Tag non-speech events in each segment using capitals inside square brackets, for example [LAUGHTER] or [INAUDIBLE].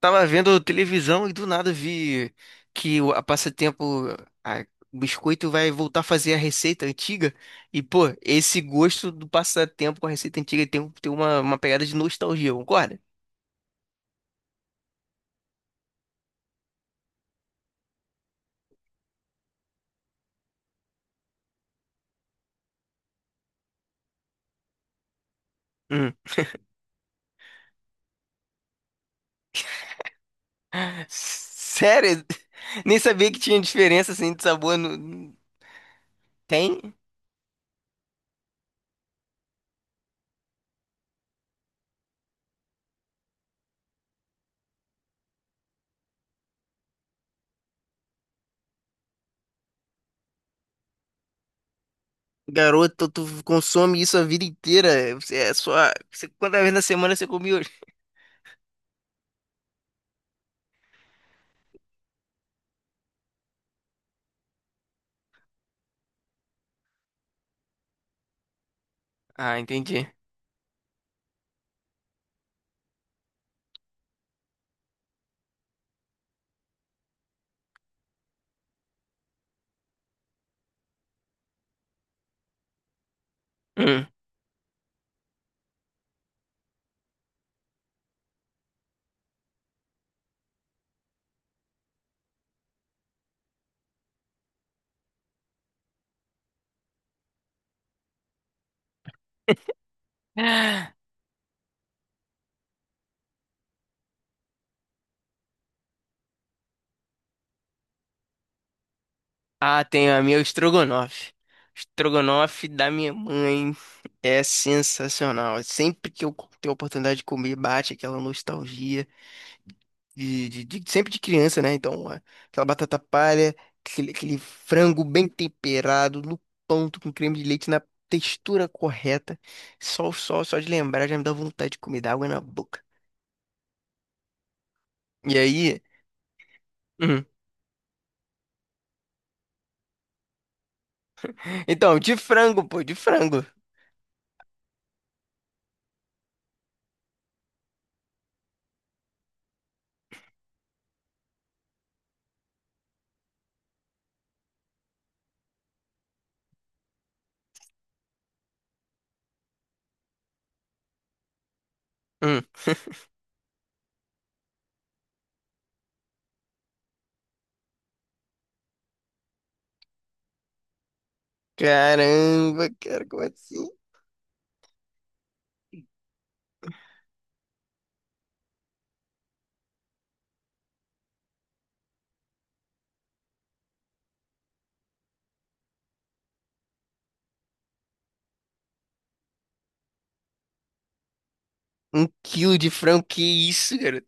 Tava vendo televisão e do nada vi a passatempo, a- o biscoito vai voltar a fazer a receita antiga. E, pô, esse gosto do passatempo com a receita antiga tem uma pegada de nostalgia, concorda? Hum. Sério? Nem sabia que tinha diferença assim de sabor. Tem? Garoto, tu consome isso a vida inteira. Você é só. Quantas vezes na semana você come hoje? Ah, entendi. Hum. Ah, tem a minha estrogonofe. Estrogonofe da minha mãe é sensacional. Sempre que eu tenho a oportunidade de comer, bate aquela nostalgia sempre de criança, né? Então, aquela batata palha, aquele frango bem temperado, no ponto, com creme de leite, na textura correta. Só de lembrar já me dá vontade de comer, dá água na boca. E aí? Uhum. [LAUGHS] Então, de frango, pô, de frango. Hum. Caramba, cara, como assim? Um quilo de frango, que isso, cara?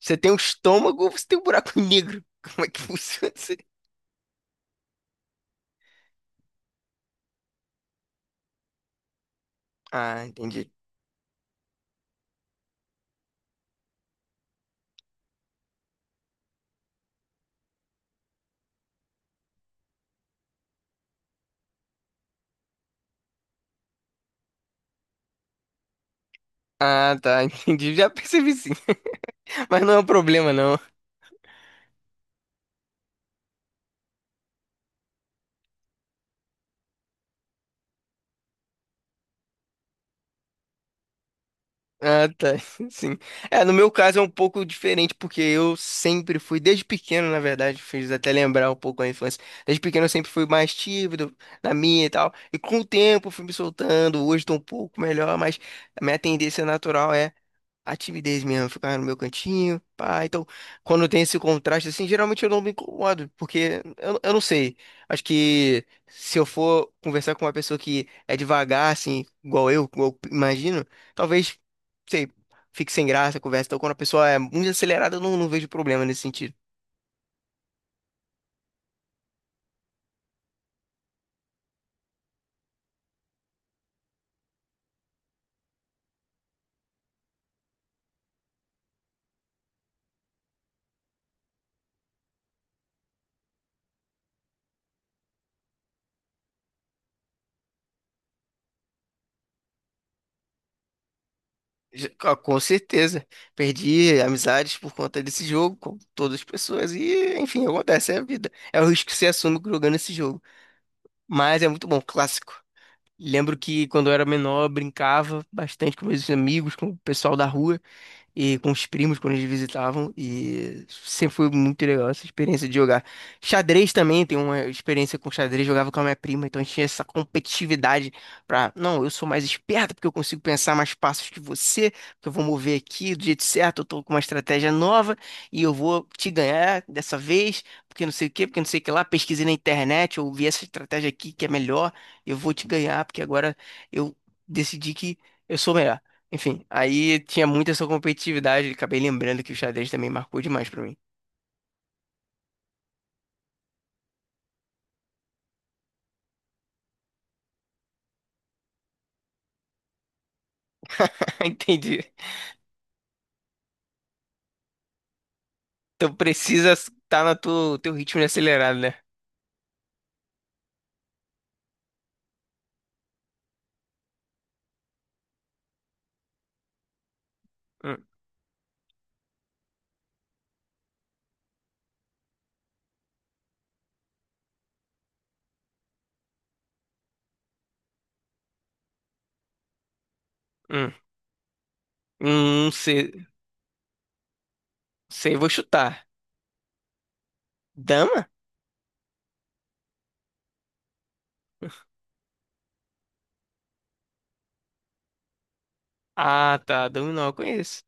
Você tem um estômago ou você tem um buraco [LAUGHS] negro? Como é que funciona isso aí? Ah, entendi. Ah, tá, [LAUGHS] entendi. Já percebi, sim. [LAUGHS] Mas não é um problema, não. Ah, tá, [LAUGHS] sim. É, no meu caso é um pouco diferente, porque eu sempre fui, desde pequeno, na verdade, fez até lembrar um pouco a infância. Desde pequeno eu sempre fui mais tímido na minha e tal. E com o tempo fui me soltando. Hoje tô um pouco melhor, mas a minha tendência natural é a timidez mesmo, ficar no meu cantinho, pá. Então, quando tem esse contraste, assim, geralmente eu não me incomodo, porque eu não sei. Acho que se eu for conversar com uma pessoa que é devagar, assim, igual eu imagino, talvez, sei, fique sem graça a conversa. Então, quando a pessoa é muito acelerada, eu não vejo problema nesse sentido. Ah, com certeza, perdi amizades por conta desse jogo, com todas as pessoas, e enfim, acontece, é a vida. É o risco que você assume jogando esse jogo. Mas é muito bom, clássico. Lembro que quando eu era menor, eu brincava bastante com meus amigos, com o pessoal da rua e com os primos quando eles visitavam e sempre foi muito legal essa experiência de jogar. Xadrez também, tem uma experiência com xadrez, jogava com a minha prima, então a gente tinha essa competitividade pra, não, eu sou mais esperto porque eu consigo pensar mais passos que você, porque eu vou mover aqui do jeito certo, eu tô com uma estratégia nova e eu vou te ganhar dessa vez, porque não sei o quê, porque não sei o que lá, pesquisei na internet, eu vi essa estratégia aqui que é melhor, eu vou te ganhar porque agora eu decidi que eu sou melhor. Enfim, aí tinha muita essa competitividade, acabei lembrando que o xadrez também marcou demais pra mim. [LAUGHS] Entendi. Então precisa estar no teu ritmo de acelerado, né? Hum, hum, sei, sei, vou chutar. Dama? Ah, tá, dama não, eu conheço.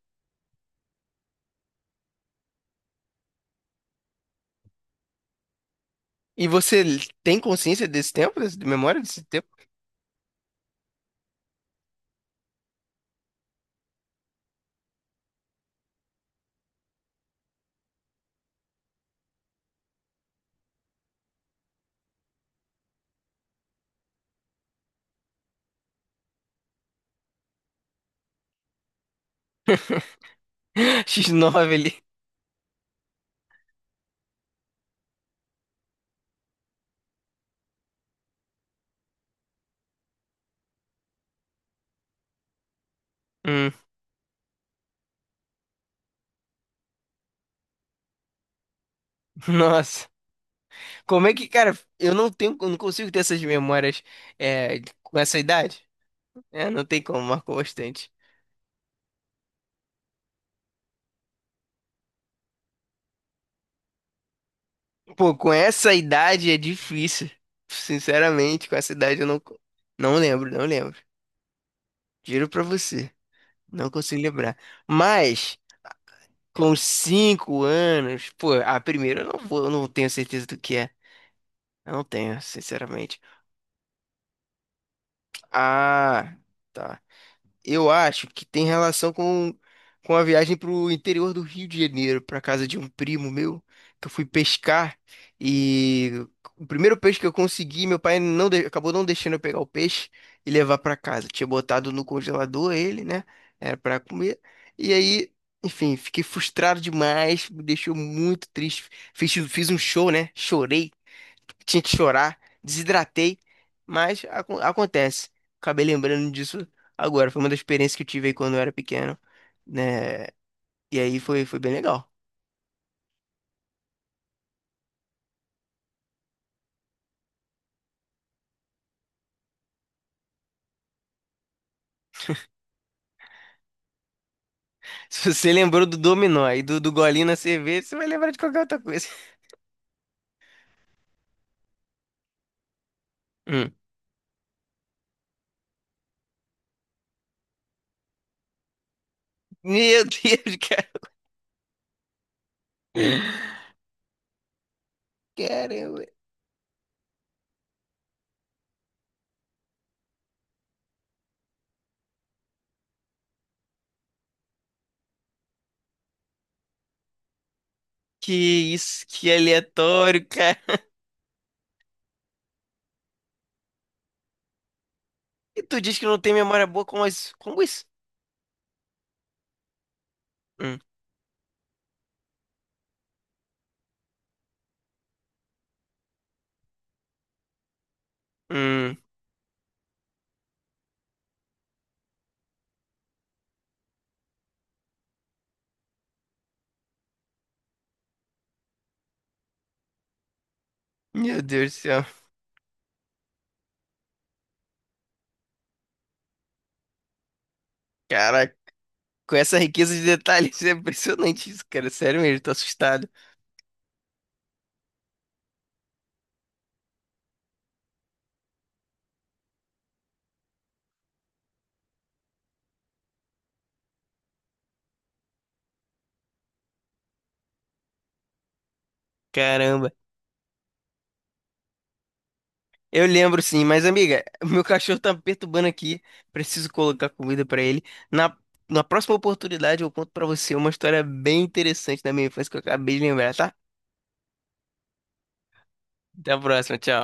E você tem consciência desse tempo, de memória desse tempo? [LAUGHS] X9 ali. Hum, [LAUGHS] nossa. Como é que, cara, eu não tenho, eu não consigo ter essas memórias é, com essa idade? É, não tem como, marcou bastante. Pô, com essa idade é difícil. Sinceramente, com essa idade eu não, não lembro, não lembro. Juro pra você, não consigo lembrar. Mas, com cinco anos, pô, a primeira eu não vou, eu não tenho certeza do que é. Eu não tenho, sinceramente. Ah, tá. Eu acho que tem relação com a viagem para o interior do Rio de Janeiro, para casa de um primo meu, que eu fui pescar e o primeiro peixe que eu consegui, meu pai acabou não deixando eu pegar o peixe e levar para casa. Tinha botado no congelador ele, né? Era para comer. E aí, enfim, fiquei frustrado demais, me deixou muito triste. Fiz um show, né? Chorei tinha que chorar, desidratei, mas acontece. Acabei lembrando disso agora. Foi uma das experiências que eu tive aí quando eu era pequeno, né? E aí foi, foi bem legal. [LAUGHS] Se você lembrou do dominó e do golinho na cerveja, você vai lembrar de qualquer outra coisa. [LAUGHS] Hum. Meu Deus, cara. Caramba. Que isso, que aleatório, cara. E tu diz que não tem memória boa como isso? Como isso? Hum, hum. Meu Deus do céu. Caraca. Com essa riqueza de detalhes, [LAUGHS] é impressionante isso, cara. Sério mesmo, tô assustado. Caramba. Eu lembro, sim, mas amiga, [LAUGHS] meu cachorro tá me perturbando aqui. Preciso colocar comida pra ele. Na, na próxima oportunidade, eu conto pra você uma história bem interessante da minha infância que eu acabei de lembrar, tá? Até a próxima, tchau.